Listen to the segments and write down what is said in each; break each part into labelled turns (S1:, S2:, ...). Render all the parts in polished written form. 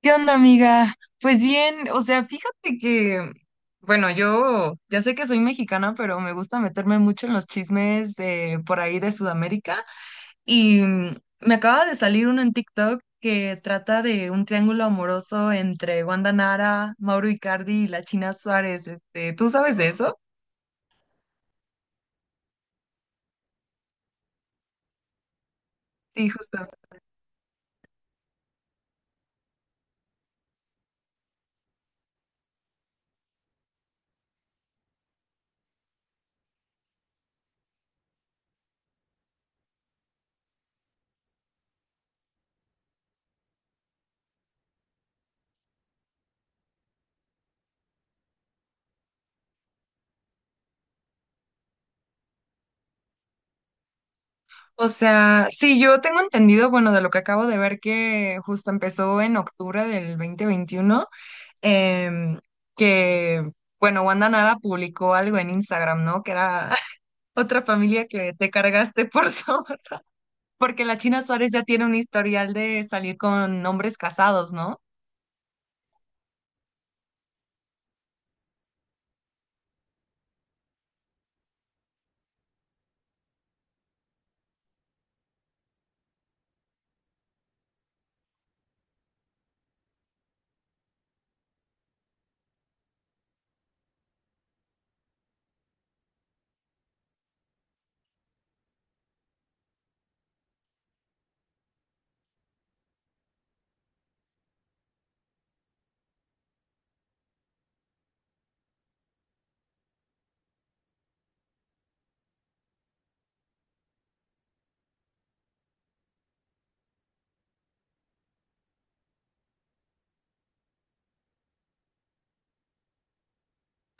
S1: ¿Qué onda, amiga? Pues bien, o sea, fíjate que, bueno, yo ya sé que soy mexicana, pero me gusta meterme mucho en los chismes de por ahí de Sudamérica y me acaba de salir uno en TikTok que trata de un triángulo amoroso entre Wanda Nara, Mauro Icardi y la China Suárez. ¿Tú sabes de eso? Sí, justo. O sea, sí, yo tengo entendido, bueno, de lo que acabo de ver que justo empezó en octubre del 2021. em, que, bueno, Wanda Nara publicó algo en Instagram, ¿no? Que era otra familia que te cargaste por zorra. Porque la China Suárez ya tiene un historial de salir con hombres casados, ¿no?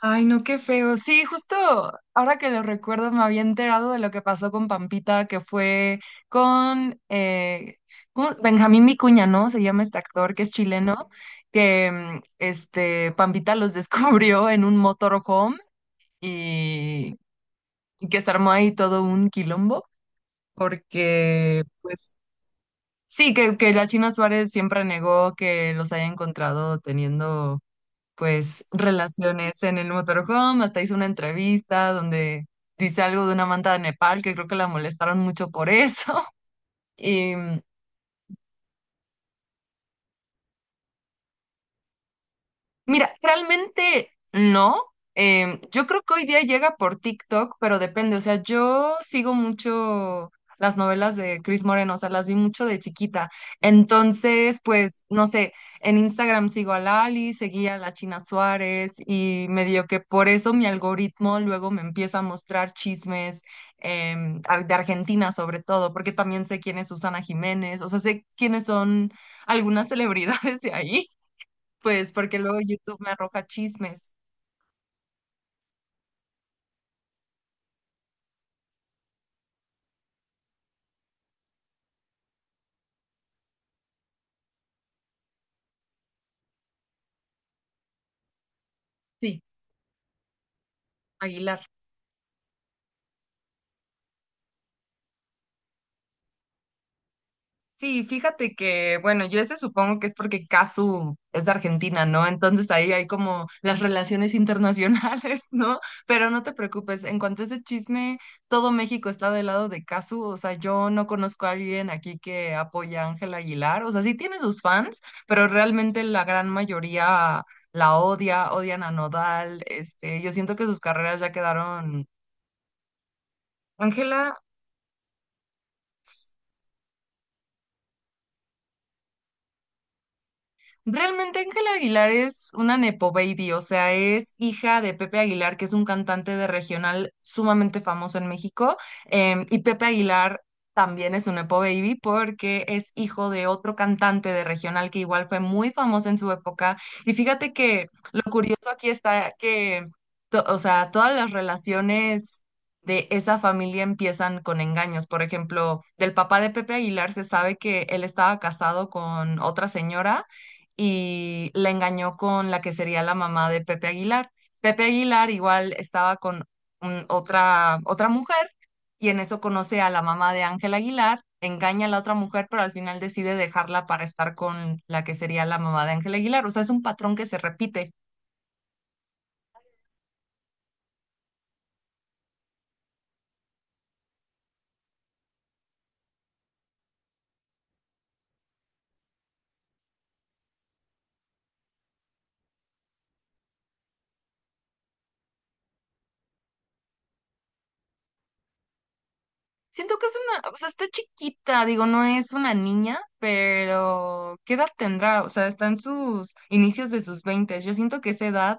S1: Ay, no, qué feo. Sí, justo ahora que lo recuerdo me había enterado de lo que pasó con Pampita, que fue con ¿cómo? Benjamín Vicuña, ¿no? Se llama este actor que es chileno, que Pampita los descubrió en un motorhome y que se armó ahí todo un quilombo, porque, pues, sí, que la China Suárez siempre negó que los haya encontrado teniendo, pues, relaciones en el motorhome, hasta hizo una entrevista donde dice algo de una manta de Nepal, que creo que la molestaron mucho por eso. Y mira, realmente no. Yo creo que hoy día llega por TikTok, pero depende. O sea, yo sigo mucho las novelas de Chris Moreno, o sea, las vi mucho de chiquita. Entonces, pues, no sé, en Instagram sigo a Lali, seguía a la China Suárez y medio que por eso mi algoritmo luego me empieza a mostrar chismes de Argentina sobre todo, porque también sé quién es Susana Jiménez, o sea, sé quiénes son algunas celebridades de ahí pues porque luego YouTube me arroja chismes. Sí, Aguilar. Sí, fíjate que, bueno, yo ese supongo que es porque Casu es de Argentina, ¿no? Entonces ahí hay como las relaciones internacionales, ¿no? Pero no te preocupes, en cuanto a ese chisme, todo México está del lado de Casu, o sea, yo no conozco a alguien aquí que apoya a Ángela Aguilar, o sea, sí tiene sus fans, pero realmente la gran mayoría la odia, odian a Nodal, este, yo siento que sus carreras ya quedaron. Ángela Realmente Ángela Aguilar es una nepo baby, o sea, es hija de Pepe Aguilar, que es un cantante de regional sumamente famoso en México, y Pepe Aguilar también es un nepo baby porque es hijo de otro cantante de regional que igual fue muy famoso en su época. Y fíjate que lo curioso aquí está que, o sea, todas las relaciones de esa familia empiezan con engaños. Por ejemplo, del papá de Pepe Aguilar se sabe que él estaba casado con otra señora y la engañó con la que sería la mamá de Pepe Aguilar. Pepe Aguilar igual estaba con otra mujer y en eso conoce a la mamá de Ángel Aguilar, engaña a la otra mujer, pero al final decide dejarla para estar con la que sería la mamá de Ángel Aguilar. O sea, es un patrón que se repite. Siento que es una, o sea, está chiquita, digo, no es una niña, pero ¿qué edad tendrá? O sea, está en sus inicios de sus veintes. Yo siento que esa edad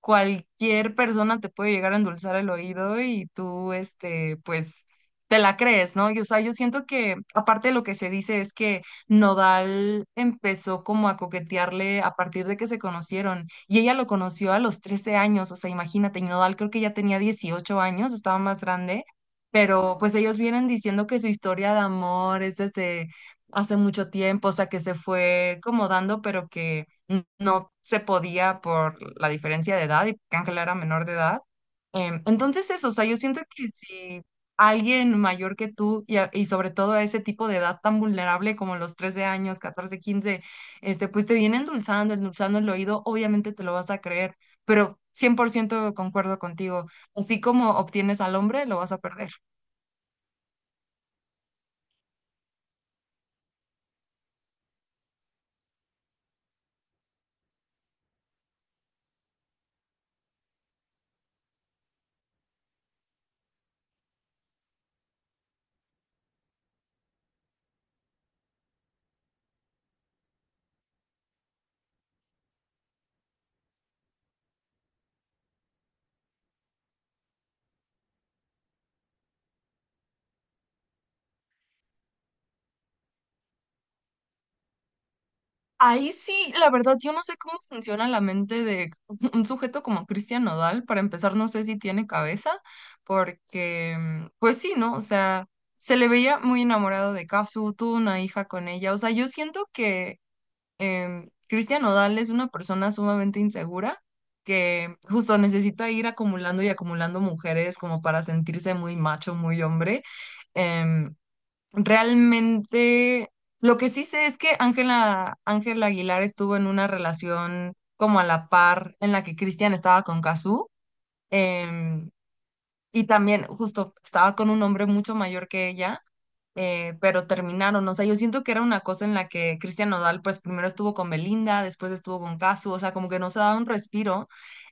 S1: cualquier persona te puede llegar a endulzar el oído y tú, este, pues, te la crees, ¿no? Y, o sea, yo siento que, aparte de lo que se dice es que Nodal empezó como a coquetearle a partir de que se conocieron y ella lo conoció a los 13 años, o sea, imagínate, Nodal creo que ya tenía 18 años, estaba más grande pero pues ellos vienen diciendo que su historia de amor es desde hace mucho tiempo, o sea, que se fue como dando, pero que no se podía por la diferencia de edad y que Ángela era menor de edad. Entonces eso, o sea, yo siento que si alguien mayor que tú y, y sobre todo a ese tipo de edad tan vulnerable como los 13 años, 14, 15 este, pues te viene endulzando, endulzando el oído, obviamente te lo vas a creer, pero 100% concuerdo contigo. Así como obtienes al hombre, lo vas a perder. Ahí sí, la verdad, yo no sé cómo funciona la mente de un sujeto como Cristian Nodal. Para empezar, no sé si tiene cabeza, porque, pues sí, ¿no? O sea, se le veía muy enamorado de Kazu, tuvo una hija con ella. O sea, yo siento que Cristian Nodal es una persona sumamente insegura que justo necesita ir acumulando y acumulando mujeres como para sentirse muy macho, muy hombre. em, Realmente, lo que sí sé es que Ángela Aguilar estuvo en una relación como a la par en la que Cristian estaba con Cazzu, em, y también justo estaba con un hombre mucho mayor que ella, pero terminaron. O sea, yo siento que era una cosa en la que Cristian Nodal, pues primero estuvo con Belinda, después estuvo con Cazzu, o sea, como que no se daba un respiro.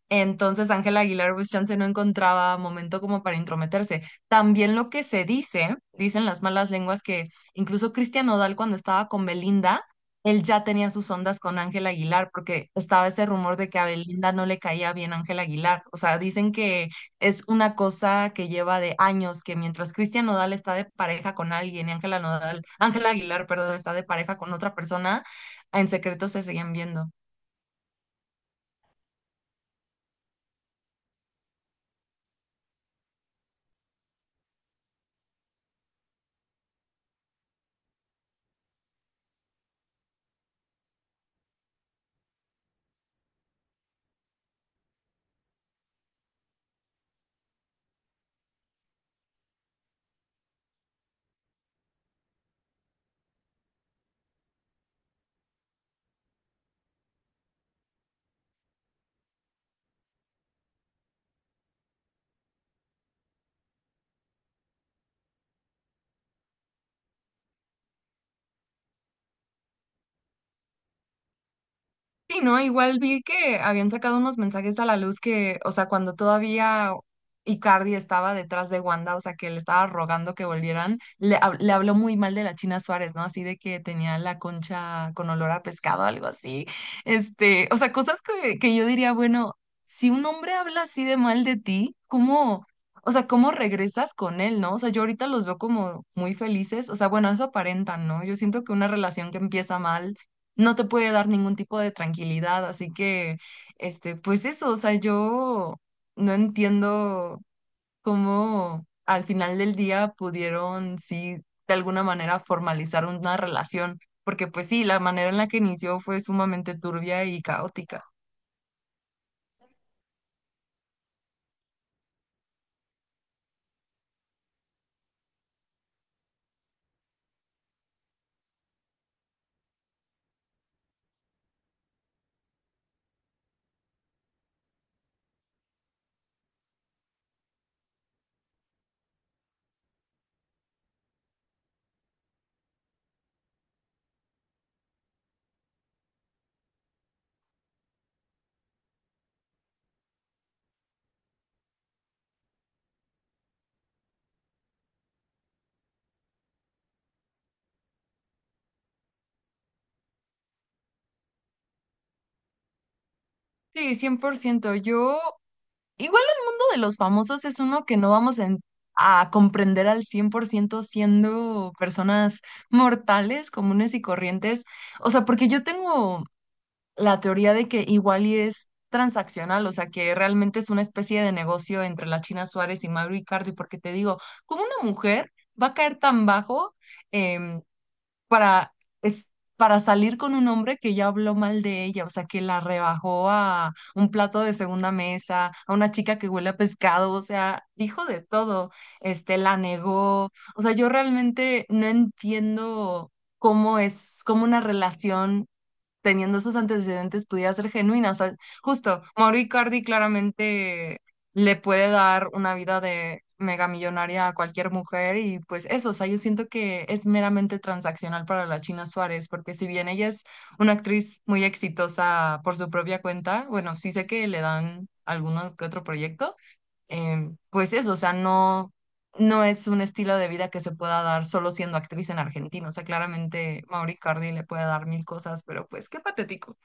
S1: Entonces Ángela Aguilar pues chance no encontraba momento como para intrometerse. También lo que se dice, dicen las malas lenguas que incluso Cristian Nodal cuando estaba con Belinda, él ya tenía sus ondas con Ángela Aguilar porque estaba ese rumor de que a Belinda no le caía bien Ángela Aguilar. O sea, dicen que es una cosa que lleva de años, que mientras Cristian Nodal está de pareja con alguien y Ángela Aguilar, perdón, está de pareja con otra persona, en secreto se siguen viendo. Sí, ¿no? Igual vi que habían sacado unos mensajes a la luz que, o sea, cuando todavía Icardi estaba detrás de Wanda, o sea, que le estaba rogando que volvieran, le habló muy mal de la China Suárez, ¿no? Así de que tenía la concha con olor a pescado, algo así. Este, o sea, cosas que yo diría, bueno, si un hombre habla así de mal de ti, o sea, ¿cómo regresas con él? ¿No? O sea, yo ahorita los veo como muy felices, o sea, bueno, eso aparentan, ¿no? Yo siento que una relación que empieza mal no te puede dar ningún tipo de tranquilidad, así que, este, pues eso, o sea, yo no entiendo cómo al final del día pudieron, sí, de alguna manera formalizar una relación, porque pues sí, la manera en la que inició fue sumamente turbia y caótica. Sí, 100% yo, igual el mundo de los famosos es uno que no vamos a comprender al 100% siendo personas mortales, comunes y corrientes. O sea, porque yo tengo la teoría de que igual y es transaccional, o sea, que realmente es una especie de negocio entre la China Suárez y Mauro Icardi, porque te digo, ¿cómo una mujer va a caer tan bajo em, para, es, para salir con un hombre que ya habló mal de ella? O sea, que la rebajó a un plato de segunda mesa, a una chica que huele a pescado, o sea, dijo de todo, este, la negó, o sea, yo realmente no entiendo cómo es, cómo una relación teniendo esos antecedentes pudiera ser genuina. O sea, justo, Mauro Icardi claramente le puede dar una vida de mega millonaria a cualquier mujer y pues eso, o sea, yo siento que es meramente transaccional para la China Suárez, porque si bien ella es una actriz muy exitosa por su propia cuenta, bueno, sí sé que le dan alguno que otro proyecto pues eso, o sea, no, no es un estilo de vida que se pueda dar solo siendo actriz en Argentina. O sea, claramente Mauri Cardi le puede dar mil cosas, pero pues qué patético.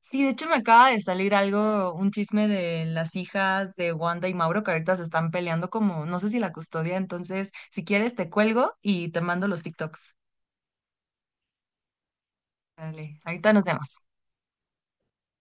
S1: Sí, de hecho me acaba de salir algo, un chisme de las hijas de Wanda y Mauro que ahorita se están peleando como, no sé si la custodia, entonces si quieres te cuelgo y te mando los TikToks. Dale, ahorita nos vemos.